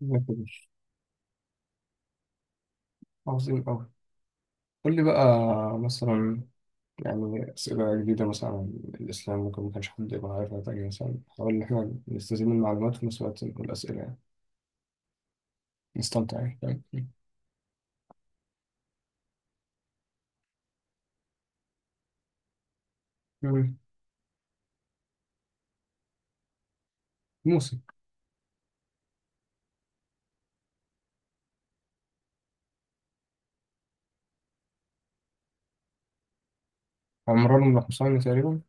ما كبير. عظيم أوي. قول لي بقى. مثلا، يعني أسئلة جديدة مثلا عن الإسلام ممكن ما كانش حد يبقى عارفها تاني، مثلا نحاول إن إحنا نستزيد من المعلومات وفي نفس الوقت نقول أسئلة يعني. نستمتع يعني، فاهم؟ مم. موسى. عمران بن حسين تقريبا.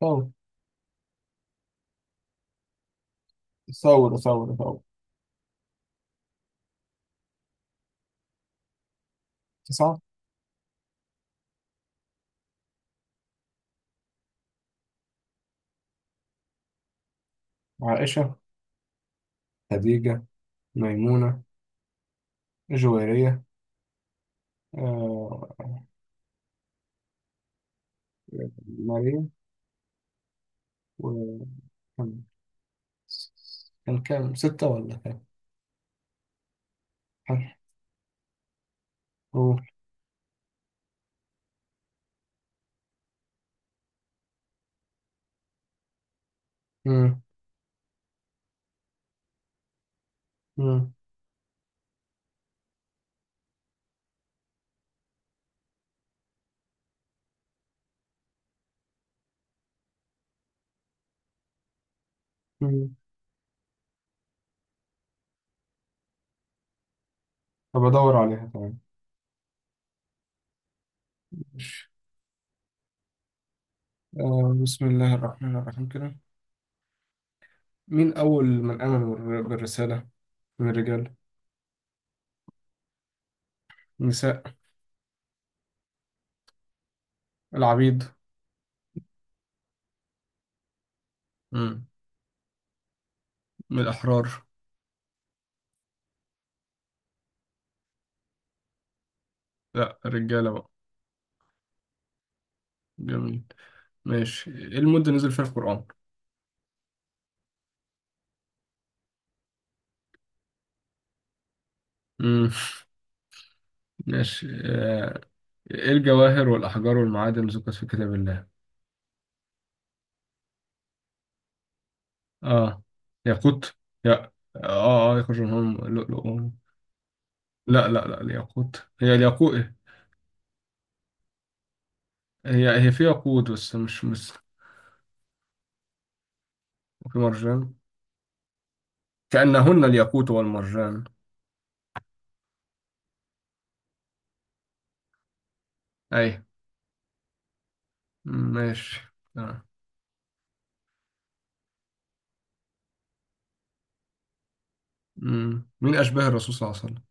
ثور. ثور ثور ثور. تسعة. عائشة، خديجة، ميمونة، جويرية، آه، مريم، و كان كان كام، ستة ولا كام؟ حلو. أوه. مم. مم. مم. طب أدور عليها. تمام. آه بسم الله الرحمن الرحيم كده. مين أول من آمن بالرسالة من الرجال؟ النساء؟ العبيد؟ مم. من الأحرار؟ لا الرجالة بقى. جميل. ماشي، إيه المدة نزل فيها القرآن؟ مم. ماشي، إيه الجواهر والأحجار والمعادن ذكرت في كتاب الله؟ آه ياقوت. لا، يخرج منهم لؤلؤ. لا لا لا، الياقوت هي الياقوت. هي هي في ياقوت بس، مش. وفي مرجان. كأنهن الياقوت والمرجان. أي. مم، ماشي. تمام. مم. مين أشباه الرسول صلى الله عليه وسلم؟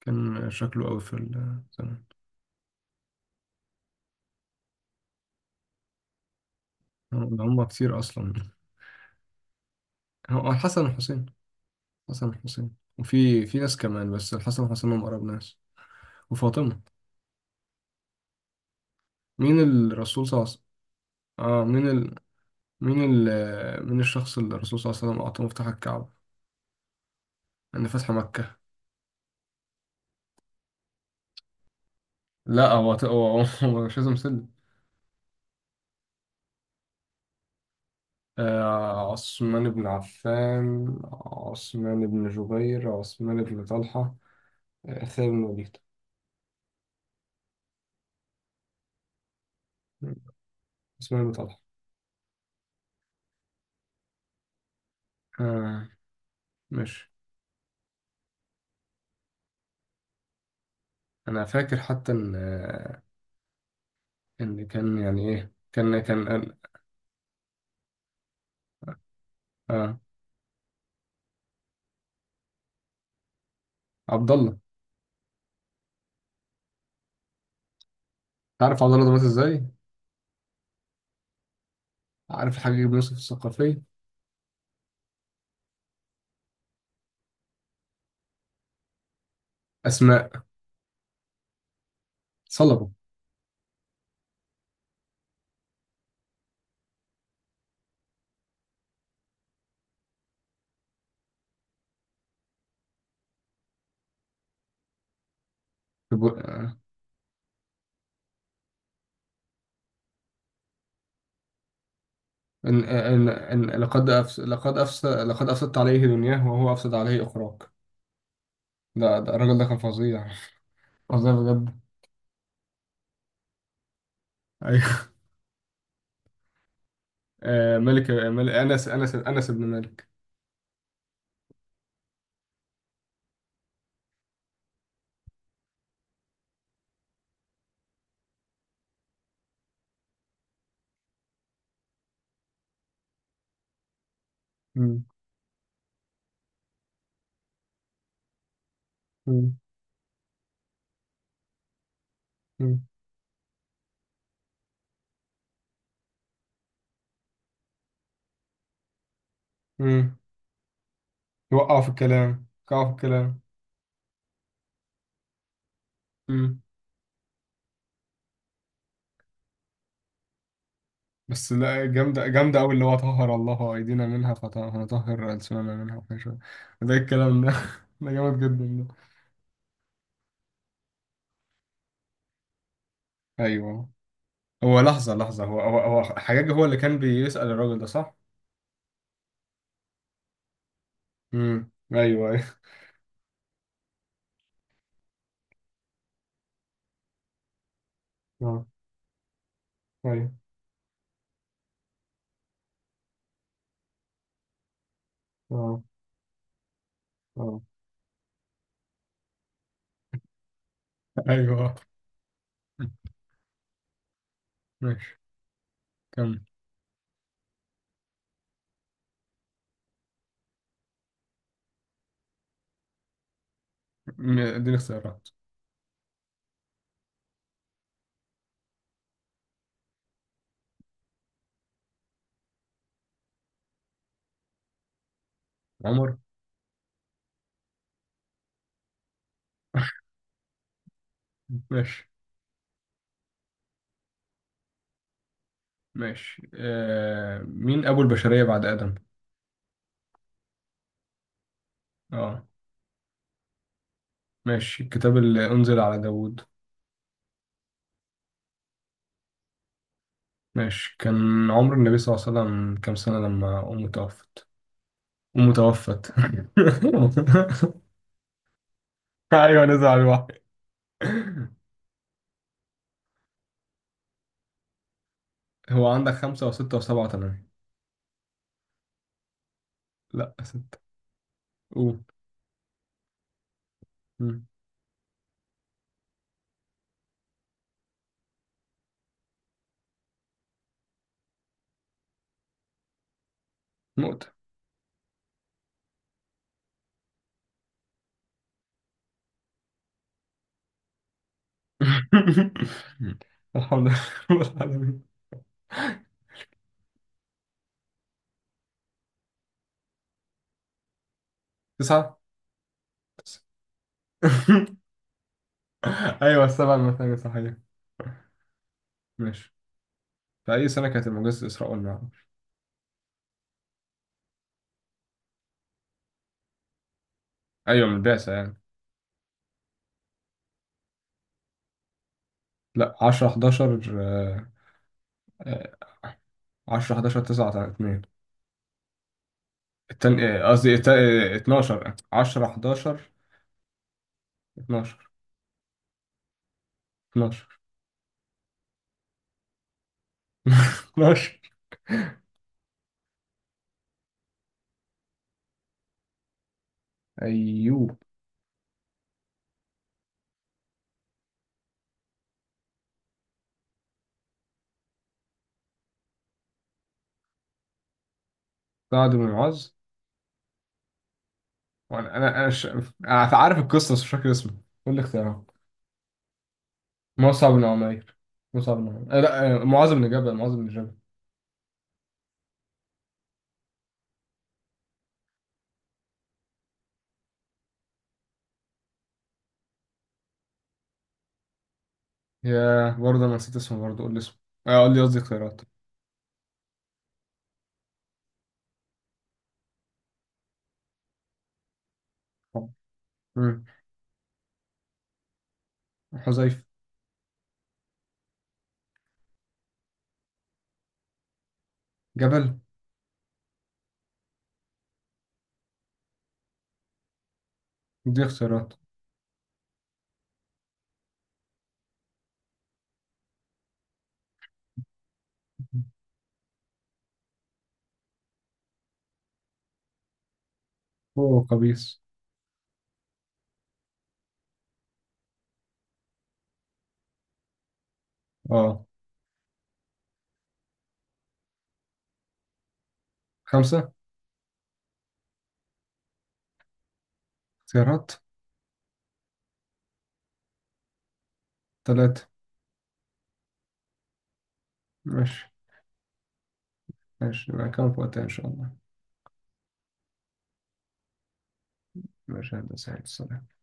كان شكله قوي في الزمن. هم كتير أصلا. هو الحسن والحسين. الحسن والحسين وفي ناس كمان، بس الحسن والحسين هم أقرب ناس. وفاطمة. مين الرسول صلى الله عليه وسلم؟ اه، مين مين الشخص اللي الرسول صلى الله عليه وسلم أعطاه مفتاح الكعبة أن فتح مكة؟ لا، هو هو مش لازم سلم. عثمان بن عفان، عثمان بن جبير، عثمان بن طلحة، خالد بن وليد. مم. عثمان بن طلحة. آه. ماشي. أنا فاكر حتى إن، إن كان يعني إيه، كان آه. آه، عبد الله. عارف عبد الله ده مات إزاي؟ عارف الحاج بن يوسف الثقفي؟ أسماء. صلبه. في بو- إن إن إن، لقد أفسدت عليه دنياه وهو أفسد عليه أخراه. ده ده الراجل ده كان فظيع. فظيع بجد. أيوه. آه، ملك ملك أنس أنس أنس بن مالك. مم. مم. مم. مم. وقعوا في الكلام، وقعوا في الكلام. مم. بس لا، جامدة جامدة أوي اللي هو، طهر الله أيدينا منها فنطهر ألسننا منها، وكده شوية. ده الكلام ده، ده جامد جدا ده. أيوه. هو لحظة لحظة، هو حجاج هو اللي كان بيسأل الراجل ده صح؟ امم، أيوه أيوه. اه. ايوه. اه. اه. أيوه. ماشي. كمل. اديني اختيارات. عمر. ماشي. ماشي، مين أبو البشرية بعد آدم؟ اه. ماشي، الكتاب اللي أنزل على داوود. ماشي، كان عمر النبي صلى الله عليه وسلم كام سنة لما أمه توفت؟ أمه توفت. أيوة نزل على الوحي. هو عندك خمسة وستة وسبعة وثمانية. لا، ستة. قول. مم. نقطة. الحمد لله، رب العالمين. تسعة. أيوة السبعة المثانية، صحيح. ماشي، في أي سنة كانت المعجزة إسراء والمعراج؟ أيوة من البعثة يعني. لا، 10 11، آه، 10 11 9 2. التاني، قصدي 12 10 11. 12. 12. 12. أيوب. سعد بن معاذ. وأنا أنا أنا ش... أنا عارف القصة بس مش فاكر اسمه. قول لي اختيارات. مصعب بن عمير. مصعب بن عمير آه، لا آه، معاذ بن جبل معاذ بن جبل. يا برضه أنا نسيت اسمه برضه، قول لي اسمه. قول لي، قصدي اختيارات. مم. حذيفة. جبل. دي اختيارات. هو قبيص. اه. خمسة. اختيارات. ثلاثة. ماشي. ماشي يبقى كمان فوقتها إن شاء الله. ماشي يا هندسة السلام.